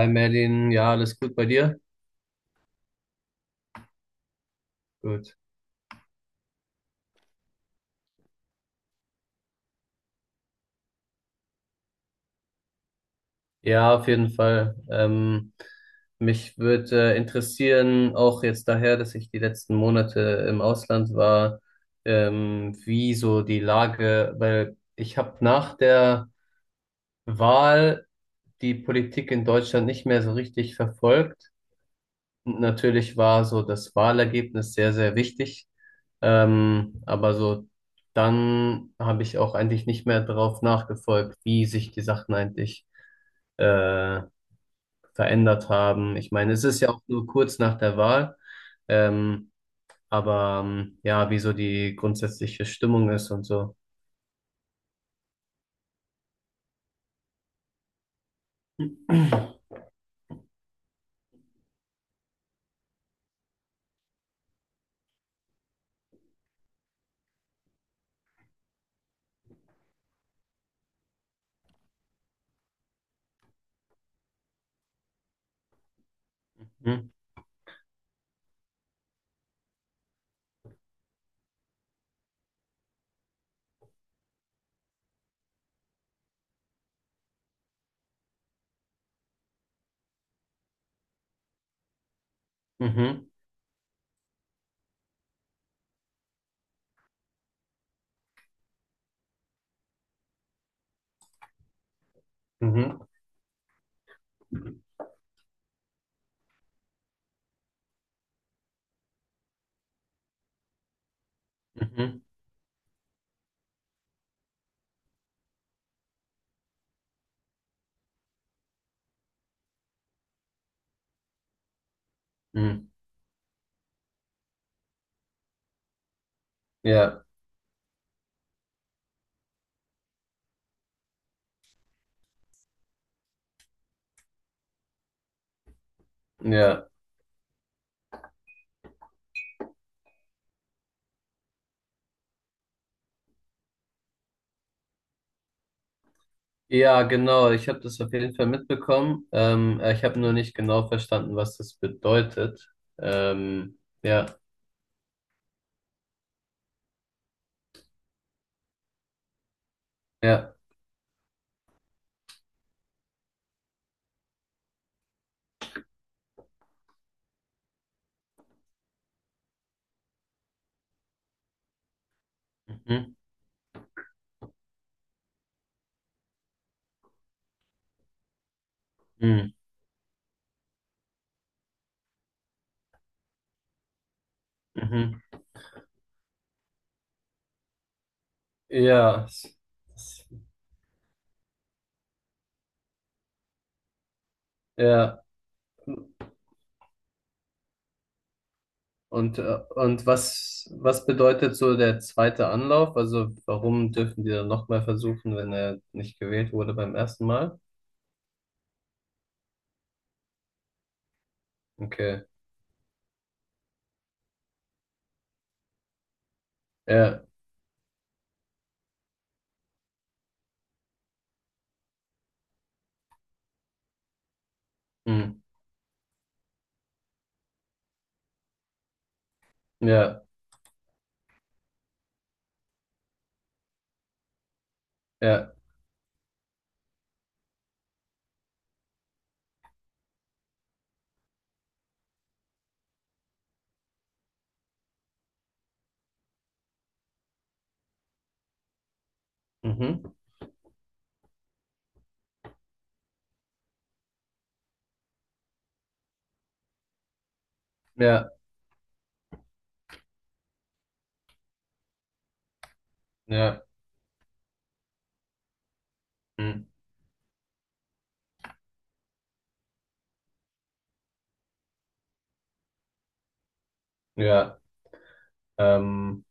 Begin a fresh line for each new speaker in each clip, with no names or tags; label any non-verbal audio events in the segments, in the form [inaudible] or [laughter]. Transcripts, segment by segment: Hi Merlin, ja, alles gut bei dir? Gut. Ja, auf jeden Fall. Mich würde interessieren, auch jetzt daher, dass ich die letzten Monate im Ausland war, wie so die Lage, weil ich habe nach der Wahl die Politik in Deutschland nicht mehr so richtig verfolgt. Natürlich war so das Wahlergebnis sehr, sehr wichtig. Aber so dann habe ich auch eigentlich nicht mehr darauf nachgefolgt, wie sich die Sachen eigentlich äh, verändert haben. Ich meine, es ist ja auch nur kurz nach der Wahl. Ähm, ja, wie so die grundsätzliche Stimmung ist und so. Mhm. Mhm. Mhm. Mhm. Mhm. Ja, ja. Ja, genau. Ich habe das auf jeden Fall mitbekommen. Ich habe nur nicht genau verstanden, was das bedeutet. Ja, ja. Mhm. Mhm. Mhm. Ja, s- ja. Und, äh, und was, was bedeutet so der zweite Anlauf? Also warum dürfen die dann nochmal versuchen, wenn er nicht gewählt wurde beim ersten Mal? Okay. Ja. Mhm. Ja. Ja. Mhm. Ja. Ja. Mhm. Ja. Ähm.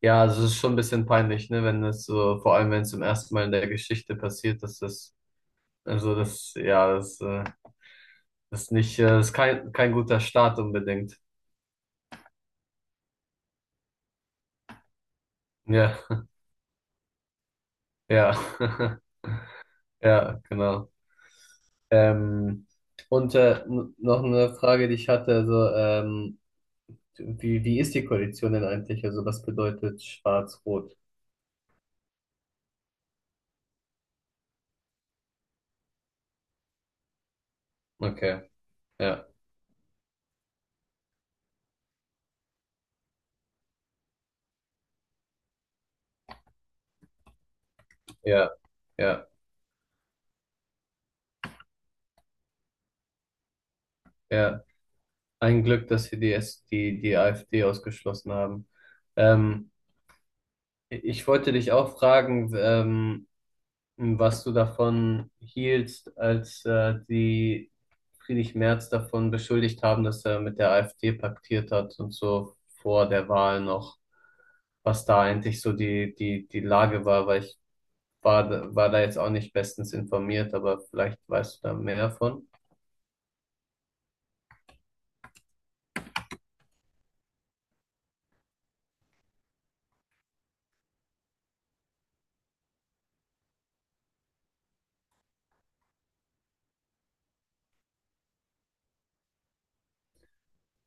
Ja, also es ist schon ein bisschen peinlich, ne, wenn es so, vor allem wenn es zum ersten Mal in der Geschichte passiert, dass das, also das, ja, das ist nicht, das ist kein, kein guter Start unbedingt. Ja, ja, [laughs] ja, genau. Ähm, noch eine Frage, die ich hatte, wie, wie ist die Koalition denn eigentlich? Also, was bedeutet Schwarz-Rot? Okay, ja, ja, ja, ja. Ein Glück, dass sie die AfD ausgeschlossen haben. Ähm, Ich wollte dich auch fragen, was du davon hieltst, als die Friedrich Merz davon beschuldigt haben, dass er mit der AfD paktiert hat und so vor der Wahl noch, was da eigentlich so die Lage war, weil war da jetzt auch nicht bestens informiert, aber vielleicht weißt du da mehr davon.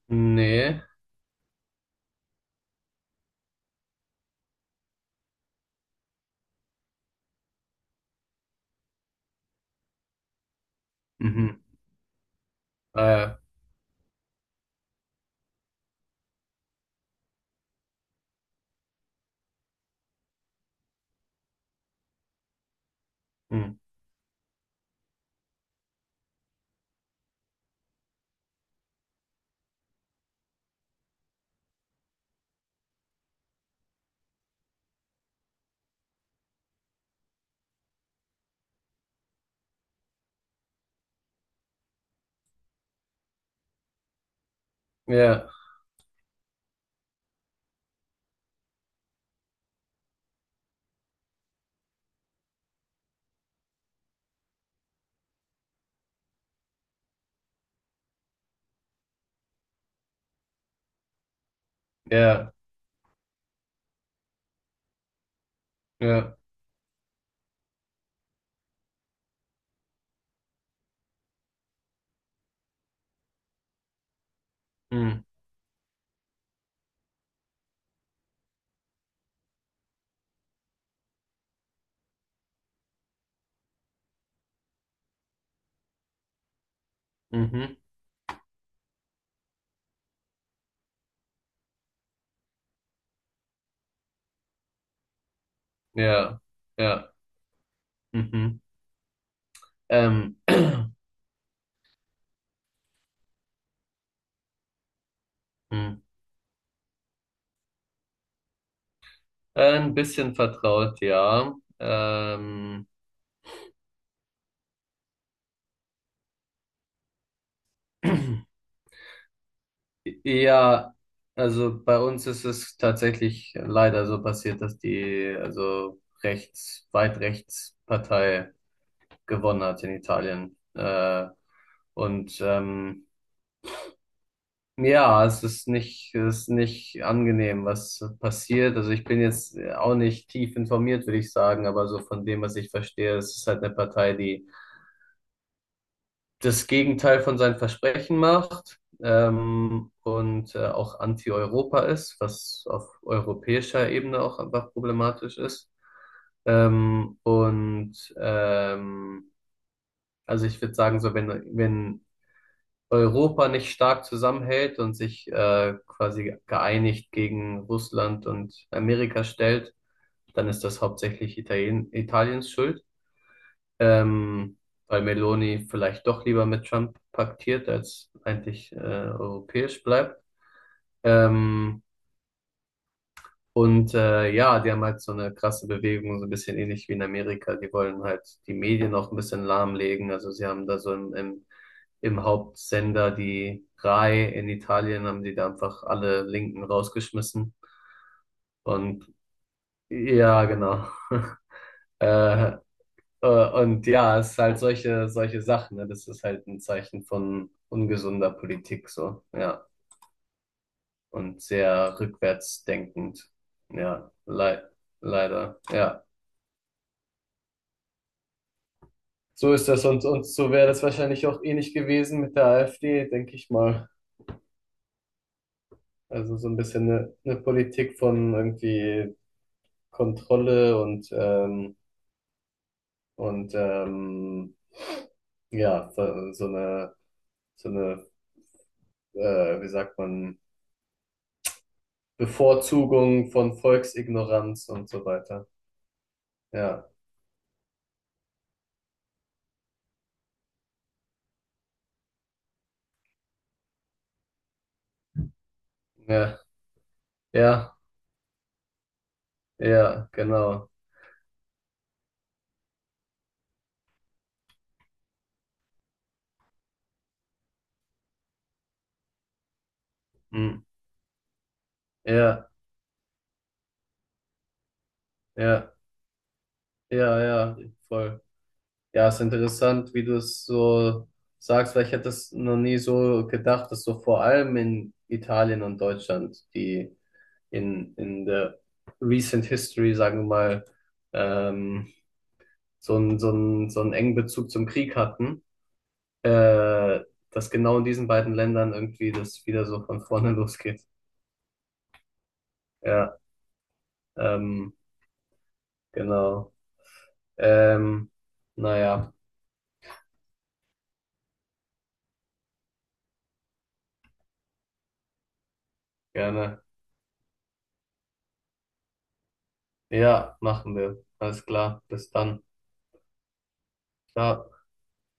Nee. Mhm. Ah, ja. Hm. Ja, ja, ja. Hm. Mhm. Ja, ja. Mhm. Ähm. [clears throat] Hm. Ein bisschen vertraut, ja. [clears throat] Ja, also bei uns ist es tatsächlich leider so passiert, dass die also rechts, weit rechts Partei gewonnen hat in Italien. Und ähm, ja, es ist nicht angenehm, was passiert. Also ich bin jetzt auch nicht tief informiert, würde ich sagen, aber so von dem, was ich verstehe, es ist halt eine Partei, die das Gegenteil von seinen Versprechen macht auch anti-Europa ist, was auf europäischer Ebene auch einfach problematisch ist. Ähm, und ähm, also ich würde sagen, so wenn, wenn Europa nicht stark zusammenhält und sich quasi geeinigt gegen Russland und Amerika stellt, dann ist das hauptsächlich Italien, Italiens Schuld ähm, weil Meloni vielleicht doch lieber mit Trump paktiert, als eigentlich europäisch bleibt. Ähm, ja, die haben halt so eine krasse Bewegung, so ein bisschen ähnlich wie in Amerika. Die wollen halt die Medien auch ein bisschen lahmlegen. Also sie haben da so im Hauptsender die RAI in Italien, haben die da einfach alle Linken rausgeschmissen. Und ja, genau. [laughs] Äh, und ja, es ist halt solche, solche Sachen, ne? Das ist halt ein Zeichen von ungesunder Politik, so, ja. Und sehr rückwärtsdenkend. Ja, leider, ja. So ist das und so wäre das wahrscheinlich auch ähnlich gewesen mit der AfD, denke ich mal. Also so ein bisschen eine Politik von irgendwie Kontrolle und ja, so eine, wie sagt man, Bevorzugung von Volksignoranz und so weiter. Ja, ja, ja, ja, genau. Hm. Ja, ja, ja, ja, voll. Ja, ist interessant, wie du es so sagst, weil ich hätte es noch nie so gedacht, dass so vor allem in Italien und Deutschland, in der recent history, sagen wir mal, ähm, so einen, so einen, so einen engen Bezug zum Krieg hatten äh, dass genau in diesen beiden Ländern irgendwie das wieder so von vorne [laughs] losgeht. Ja, ähm, genau. Ähm, naja, gerne. Ja, machen wir. Alles klar. Bis dann. Ciao.